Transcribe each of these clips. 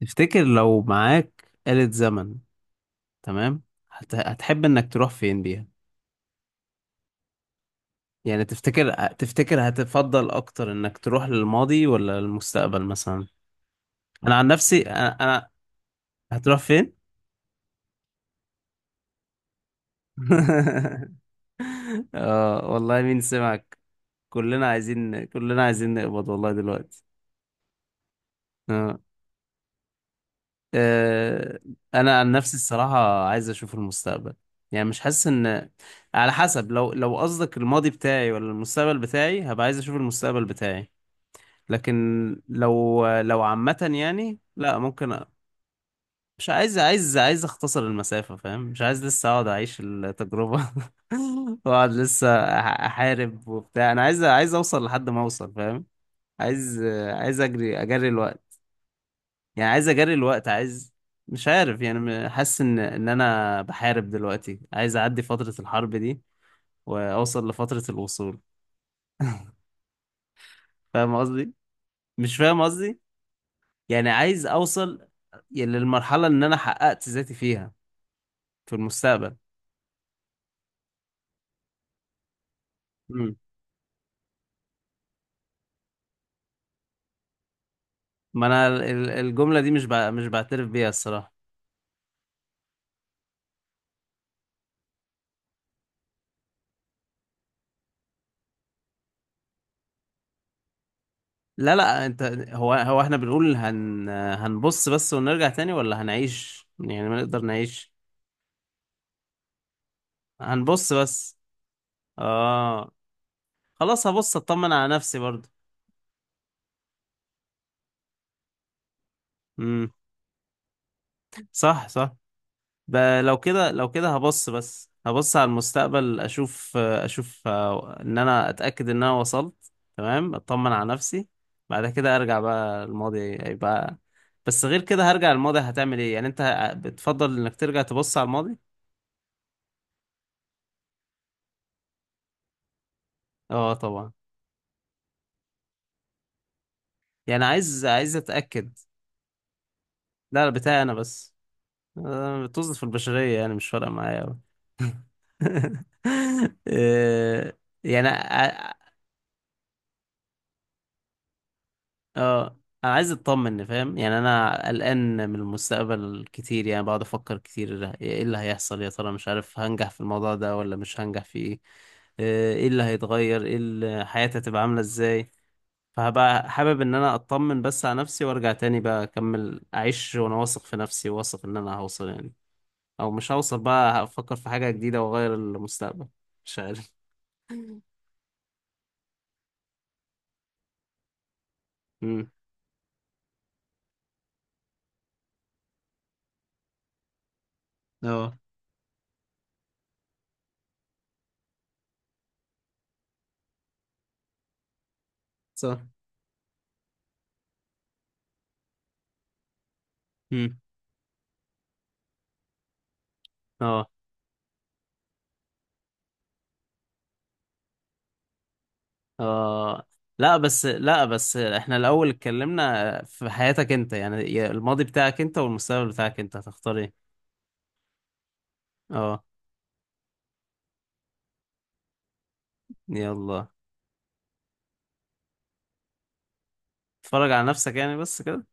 تفتكر لو معاك آلة زمن؟ تمام. هتحب انك تروح فين بيها؟ يعني تفتكر هتفضل اكتر انك تروح للماضي ولا للمستقبل مثلا؟ انا عن نفسي أنا هتروح فين؟ اه والله مين سمعك. كلنا عايزين كلنا عايزين نقبض والله دلوقتي. آه. آه، انا عن نفسي الصراحه عايز اشوف المستقبل. يعني مش حاسس ان، على حسب، لو قصدك الماضي بتاعي ولا المستقبل بتاعي، هبقى عايز اشوف المستقبل بتاعي. لكن لو عامه يعني لا ممكن مش عايز، عايز اختصر المسافه، فاهم؟ مش عايز لسه اقعد اعيش التجربه، واقعد لسه احارب وبتاع. انا عايز، عايز اوصل لحد ما اوصل، فاهم؟ عايز، عايز اجري الوقت. يعني عايز اجري الوقت، عايز، مش عارف. يعني حاسس ان انا بحارب دلوقتي، عايز اعدي فترة الحرب دي واوصل لفترة الوصول. فاهم قصدي؟ مش فاهم قصدي. يعني عايز اوصل يعني للمرحلة ان انا حققت ذاتي فيها في المستقبل. مم. ما انا الجملة دي مش بعترف بيها الصراحة. لا لا، انت، هو احنا بنقول هنبص بس ونرجع تاني، ولا هنعيش؟ يعني ما نقدر نعيش. هنبص بس. اه. خلاص هبص اطمن على نفسي برضه. امم. صح، صح. ب... لو كده، لو كده هبص بس، هبص على المستقبل اشوف آه، ان انا اتاكد ان انا وصلت تمام، اطمن على نفسي. بعد كده ارجع بقى الماضي. هيبقى بس، غير كده هرجع الماضي. هتعمل ايه يعني؟ انت بتفضل انك ترجع تبص على الماضي؟ اه طبعا. يعني عايز، عايز اتاكد. لا لا، بتاعي انا بس. أنا بتوظف في البشريه يعني مش فارقه معايا أوي. آه، يعني اه، انا عايز اطمن، فاهم؟ يعني انا قلقان من المستقبل كتير. يعني بقعد افكر كتير، ايه اللي هيحصل يا ترى؟ مش عارف، هنجح في الموضوع ده ولا مش هنجح في ايه؟ آه، ايه اللي هيتغير، ايه اللي حياتي هتبقى عاملة ازاي. فهبقى حابب ان انا اطمن بس على نفسي وارجع تاني بقى اكمل اعيش وانا واثق في نفسي، واثق ان انا هوصل يعني. او مش هوصل بقى هفكر في حاجة جديدة واغير المستقبل. مش عارف. امم. اه. صح. امم. اه. آه. لا بس، لا بس، احنا الأول اتكلمنا في حياتك انت يعني، يا الماضي بتاعك انت والمستقبل بتاعك انت، هتختار ايه؟ اه. يلا. اتفرج على نفسك يعني بس كده.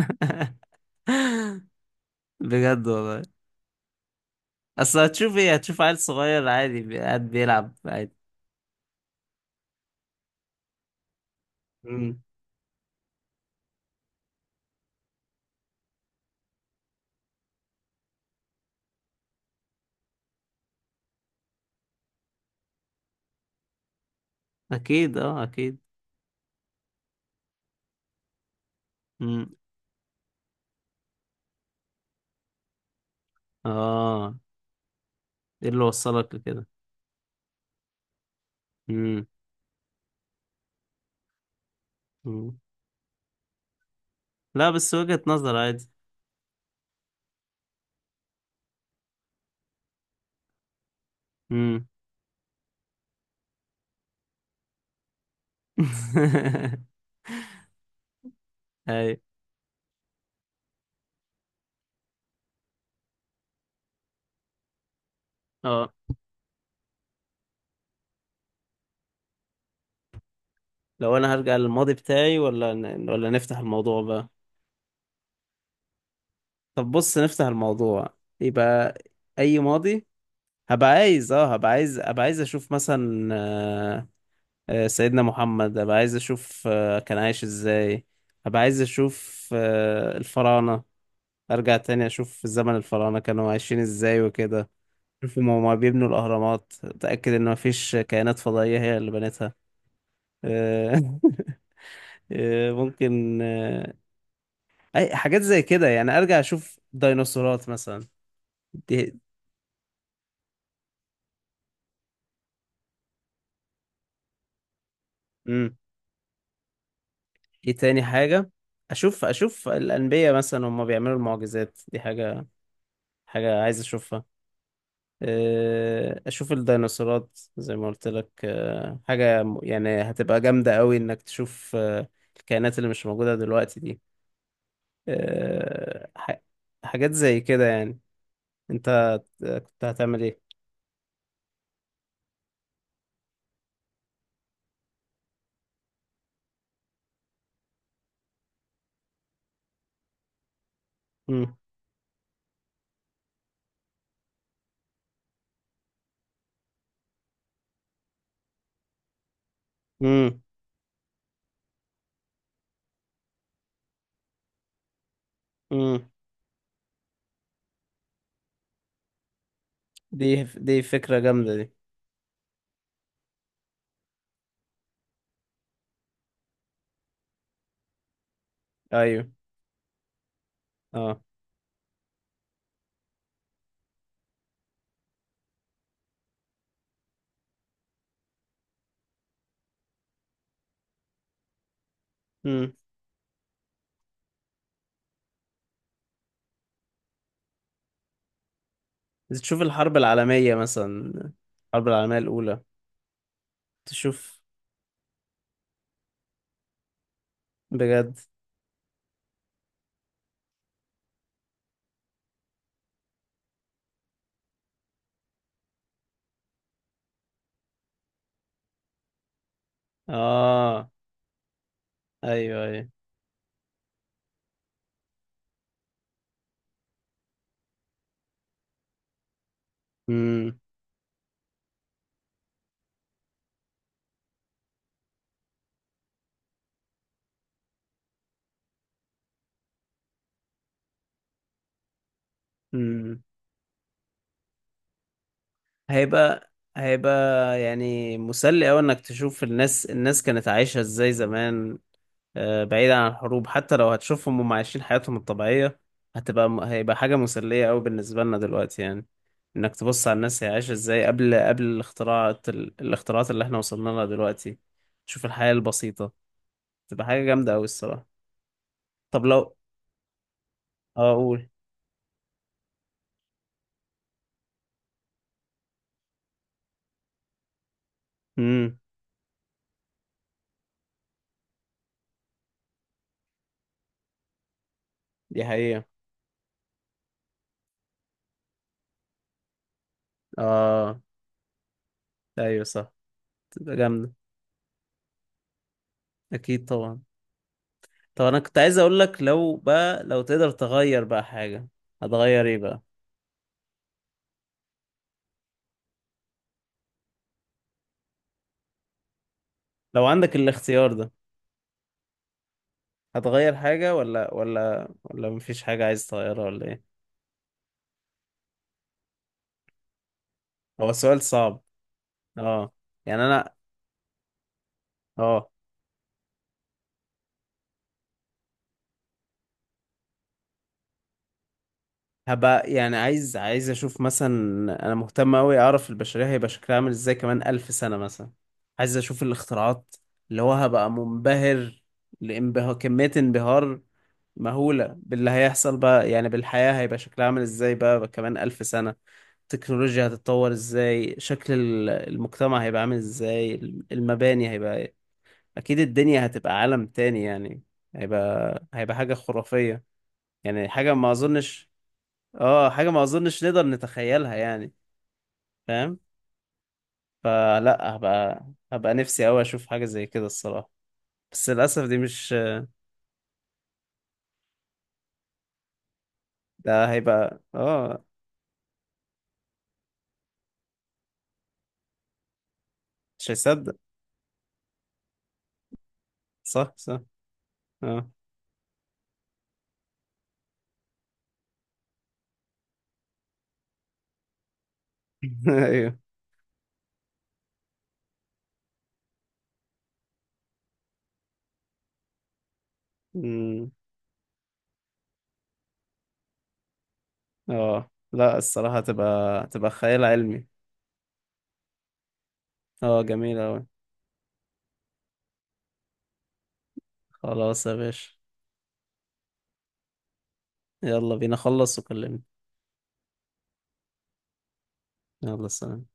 بجد والله. اصل هتشوف ايه؟ هتشوف عيل صغير عادي قاعد بيلعب عادي. امم. اكيد اه، اكيد. امم. اه. ايه اللي وصلك لكده؟ امم. أمم. لا بس وجهة نظر عادي. امم. اي. لو انا هرجع للماضي بتاعي، ولا ولا نفتح الموضوع بقى؟ طب بص نفتح الموضوع. يبقى اي ماضي. هبقى عايز، اه هبقى عايز عايز اشوف مثلا آه، آه، سيدنا محمد. هبقى عايز اشوف آه، كان عايش ازاي. هبقى عايز اشوف آه، الفراعنة. ارجع تاني اشوف زمن الفراعنة كانوا عايشين ازاي وكده. شوف هما بيبنوا الاهرامات، اتاكد ان مفيش كائنات فضائية هي اللي بنتها. آه، آه، ممكن. آه، اي حاجات زي كده يعني. ارجع اشوف ديناصورات مثلا. دي. امم. ايه تاني حاجة؟ اشوف، اشوف الانبياء مثلا هم بيعملوا المعجزات دي، حاجة، حاجة عايز اشوفها. آه، اشوف الديناصورات زي ما قلت لك. آه، حاجة يعني هتبقى جامدة قوي انك تشوف آه، الكائنات اللي مش موجودة دلوقتي دي. آه، حاجات زي كده يعني. انت كنت هتعمل ايه؟ امم. امم. امم. دي، دي فكرة جامدة دي. ايوه. اه. امم. تشوف الحرب العالمية مثلا، الحرب العالمية الأولى. تشوف. بجد. اه. ايوه، ايوه. امم. امم. هيبقى، هيبقى يعني مسلي أوي إنك تشوف الناس، الناس كانت عايشة ازاي زمان. آه، بعيدا عن الحروب، حتى لو هتشوفهم هم عايشين حياتهم الطبيعية، هتبقى هيبقى حاجة مسلية أوي بالنسبة لنا دلوقتي يعني. إنك تبص على الناس هي عايشة ازاي قبل الاختراعات، الاختراعات اللي احنا وصلنا لها دلوقتي. تشوف الحياة البسيطة، تبقى حاجة جامدة أوي الصراحة. طب لو، اه أقول. امم. دي حقيقة. اه، أيوة صح، تبقى جامدة. أكيد طبعا. طب أنا كنت عايز أقول لك، لو بقى لو تقدر تغير بقى حاجة، هتغير إيه بقى؟ لو عندك الاختيار ده، هتغير حاجة ولا، ولا مفيش حاجة عايز تغيرها ولا إيه؟ هو سؤال صعب. اه. يعني أنا، اه، هبقى يعني عايز، عايز اشوف مثلا، انا مهتم اوي اعرف البشرية هيبقى شكلها عامل ازاي كمان 1000 سنة مثلا. عايز اشوف الاختراعات اللي هو هبقى منبهر. لانبهار، كمية انبهار مهولة باللي هيحصل بقى، يعني بالحياة هيبقى شكلها عامل ازاي بقى كمان الف سنة. التكنولوجيا هتتطور ازاي، شكل المجتمع هيبقى عامل ازاي، المباني هيبقى إيه؟ اكيد الدنيا هتبقى عالم تاني يعني. هيبقى، هيبقى حاجة خرافية. يعني حاجة ما اظنش، اه، حاجة ما اظنش نقدر نتخيلها يعني. فاهم؟ فلا هبقى، هبقى نفسي اوي اشوف حاجة زي كده الصراحة. بس للأسف دي مش، ده هيبقى اه، مش هيصدق. صح، صح. اه. ايوه. أمم. اه لا، الصراحة تبقى، تبقى خيال علمي. اه، جميل اوي. خلاص يا باشا. يلا بينا، خلص وكلمني. يلا، سلام.